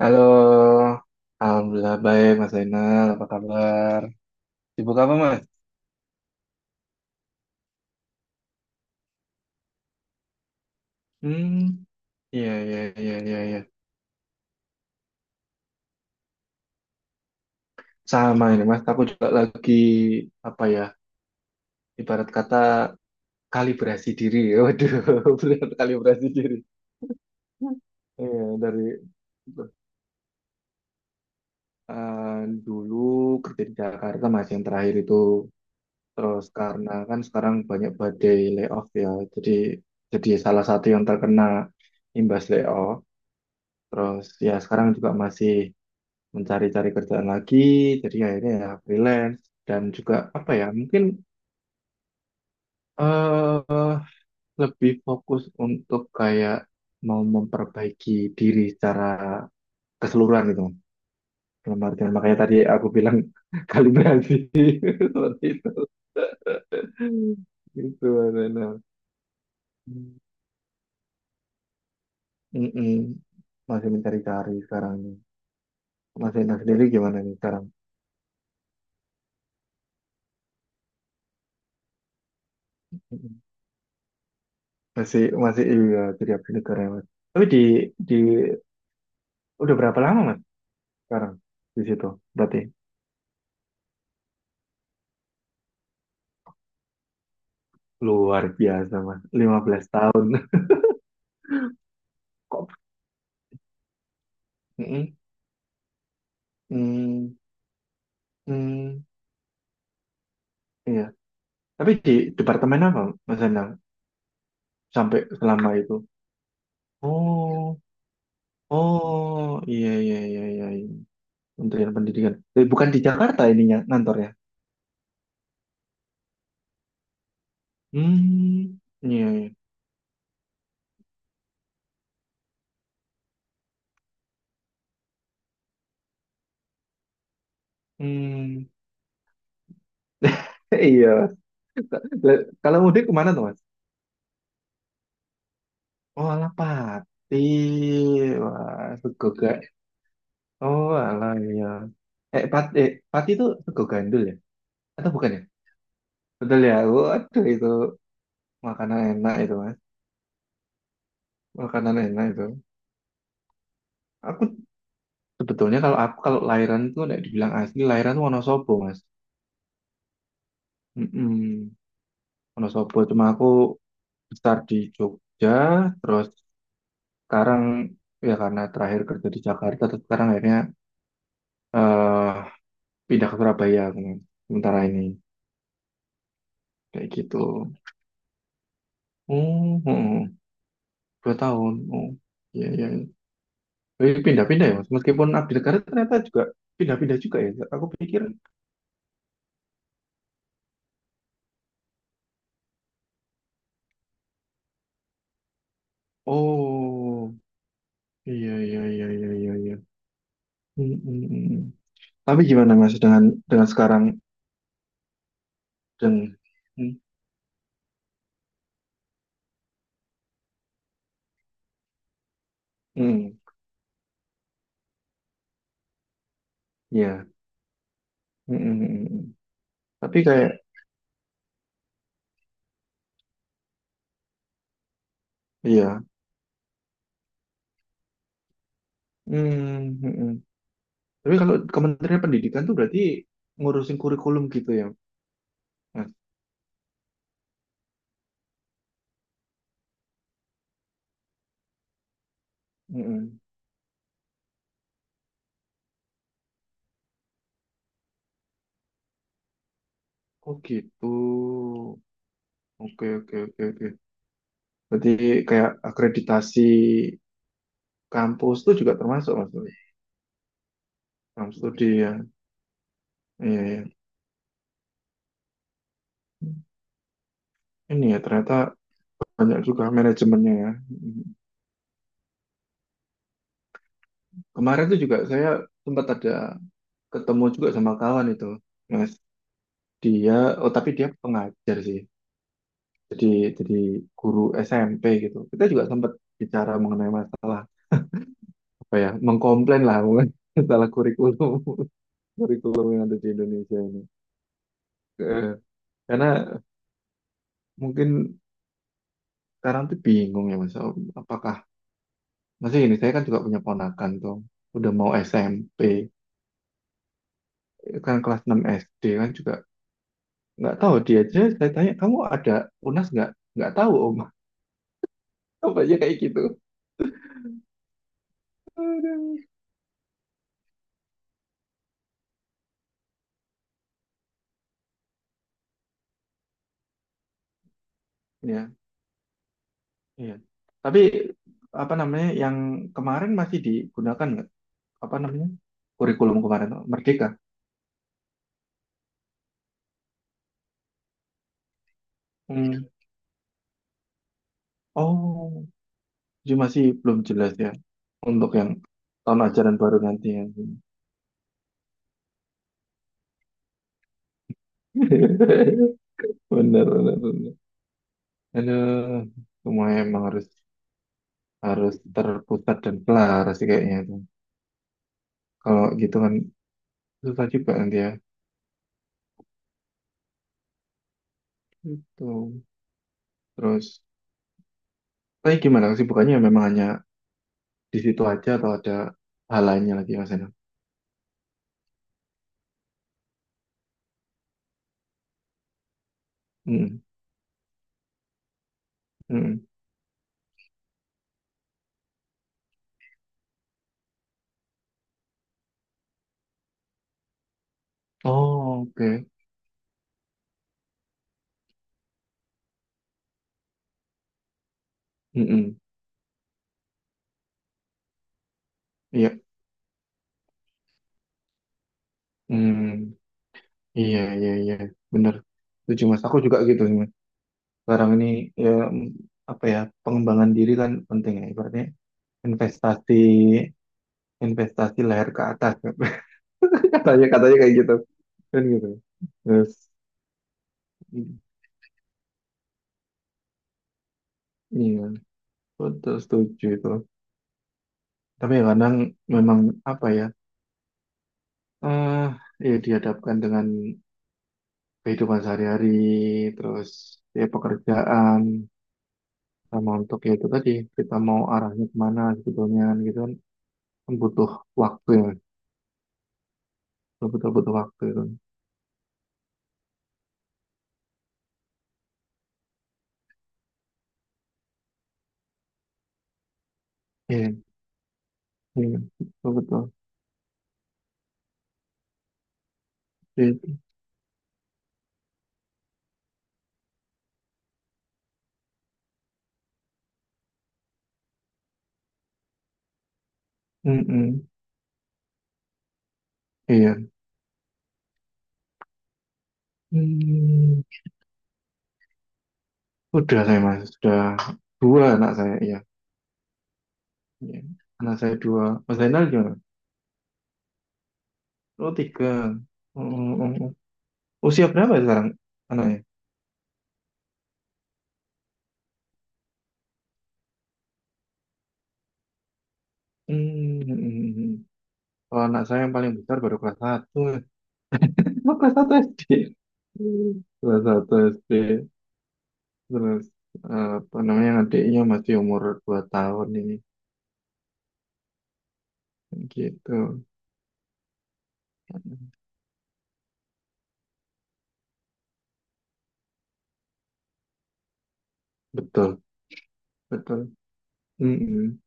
Halo, Alhamdulillah baik Mas Zainal, apa kabar? Sibuk apa Mas? Hmm, iya iya iya iya iya. Sama ini Mas, aku juga lagi apa ya, ibarat kata kalibrasi diri. Waduh, benar kalibrasi diri. Iya, dari eh, dulu kerja di Jakarta Mas yang terakhir itu, terus karena kan sekarang banyak badai layoff ya, jadi jadi salah satu yang terkena imbas layoff. Terus ya sekarang juga masih mencari-cari kerjaan lagi, jadi akhirnya ya freelance dan juga apa ya, mungkin eh, lebih fokus untuk kayak mau memperbaiki diri secara keseluruhan gitu. Dalam artian makanya tadi aku bilang kalibrasi seperti itu. Gitu, Arena. Mm-mm. Masih mencari-cari sekarang ini. Mas Ena sendiri gimana nih sekarang? Masih, masih, iya, jadi abdi negarawan. Tapi di di udah berapa lama Mas sekarang di situ? Berarti luar biasa Mas, 15 tahun. Kok? Mm-mm. Mm, mm, iya. Tapi di departemen apa Mas Endang sampai selama itu? Oh, oh, iya iya iya iya. Kementerian Pendidikan. Eh, bukan di Jakarta ininya kantornya. Hmm, iya iya. Hmm. Iya, Mas. Lah, kalau mudik kemana tuh Mas? Oh, alah pati. Wah, Oh, alah iya. Pati itu sego gandul ya? Atau bukan ya? Betul ya? Waduh, itu makanan enak itu, Mas. Makanan enak itu. Aku sebetulnya, kalau aku kalau lahiran tuh udah dibilang asli, lahiran tuh Wonosobo, Mas. Mm-mm. Wonosobo, cuma aku besar di Jogja, terus sekarang ya karena terakhir kerja di Jakarta, terus sekarang akhirnya eh pindah ke Surabaya, Mas. Sementara ini kayak gitu. Oh, oh, oh. 2 tahun. Oh, iya, iya. Eh, pindah-pindah ya, Mas. Meskipun abdi negara ternyata juga pindah-pindah juga ya. Aku pikir, oh, iya, iya, iya, iya, iya, iya. Hmm, hmm, hmm. Tapi gimana Mas dengan sekarang dan hmm, hmm, iya. Hmm, hmm, hmm, hmm. Tapi kayak, iya. Hmm, hmm, hmm. Tapi kalau Kementerian Pendidikan tuh berarti ngurusin kurikulum gitu ya, Mas. Hmm, hmm. Oh, gitu. Oke, oke, oke, oke. Berarti kayak akreditasi kampus itu juga termasuk Mas Doi. Dalam studi ya. Iya, iya. Ini ya ternyata banyak juga manajemennya ya. Hmm. Kemarin tuh juga saya sempat ada ketemu juga sama kawan itu. Mas, dia, oh, tapi dia pengajar sih. Jadi jadi guru SMP gitu. Kita juga sempat bicara mengenai masalah apa ya? Mengkomplain lah mungkin masalah kurikulum kurikulum yang ada di Indonesia ini. Eh, Karena mungkin sekarang tuh bingung ya mas Awi, apakah masih ini, saya kan juga punya ponakan tuh udah mau SMP kan, kelas 6 SD kan juga nggak tahu, dia aja saya tanya kamu ada UNAS nggak tahu om, apa aja kayak gitu. Aduh. Ya, iya, tapi apa namanya yang kemarin masih digunakan nggak, apa namanya, kurikulum kemarin Merdeka. Hmm. Oh, jadi masih belum jelas ya, untuk yang tahun ajaran baru nanti ya. Benar benar benar. Aduh, semua emang harus harus terpusat dan pelar sih kayaknya itu. Kalau gitu kan susah juga nanti ya. Itu. Terus, tapi gimana kesibukannya, memang hanya di situ aja atau ada hal lainnya lagi Mas Eno? Mm-mm. Mm-mm. Oh, oke. Mm-mm. Iya. Mm. Iya, iya, iya. Bener. Setuju Mas. Aku juga gitu sih, Mas. Sekarang ini ya, mm, apa ya, pengembangan diri kan penting ya. Ibaratnya investasi, investasi leher ke atas, katanya katanya kayak gitu, kan gitu, terus mm, iya, betul, setuju itu, tapi ya kadang memang apa ya, eh ya dihadapkan dengan kehidupan sehari-hari, terus ya pekerjaan, sama untuk ya itu tadi, kita mau arahnya kemana sebetulnya, kan gitu kan, butuh waktu ya, betul butuh waktu itu, iya iya betul betul. Iya. Mm-mm. Iya. Hmm, udah, saya mas, sudah dua anak saya, iya. Iya. Anak saya dua. Mas Zainal gimana? Oh, tiga. Mm, mm, mm. Usia berapa ya sekarang anaknya? Hmm, mm, mm, mm. Kalau anak saya yang paling besar baru kelas satu. Oh, kelas satu SD. Hmm. Kelas satu SD. Terus apa namanya, adiknya masih umur 2 tahun ini. Gitu. Betul, betul. Mm-mm.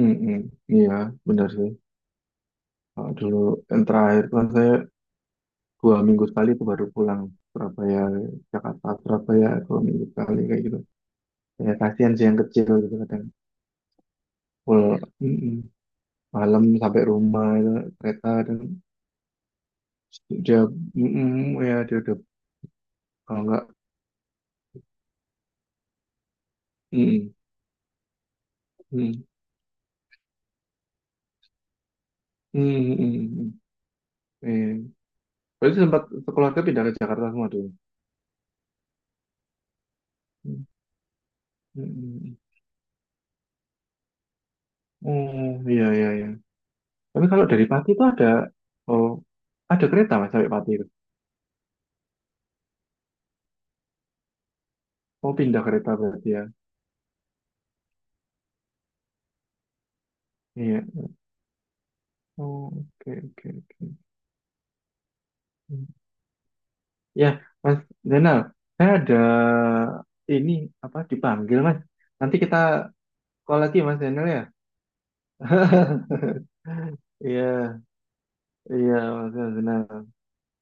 Mm-mm. Iya, benar sih. Kalau dulu yang terakhir kan saya 2 minggu sekali itu baru pulang Surabaya, Jakarta Surabaya 2 minggu sekali kayak gitu, ya kasihan sih yang kecil gitu kadang, full mm-mm. Malam sampai rumah itu kereta dan dia mm-mm, ya dia udah, kalau nggak, mm-mm, mm-mm, mm-mm, mm-mm. Iya. Berarti sempat sekeluarga pindah ke Jakarta semua tuh. Mm-mm. Oh, iya iya iya. Tapi kalau dari Pati itu ada, oh, ada kereta mas sampai Pati itu. Oh, pindah kereta berarti ya. Iya. Oh, oke oke oke. Ya, Mas Zainal, saya ada ini apa dipanggil Mas. Nanti kita call lagi Mas Zainal ya. Iya, iya Mas Zainal.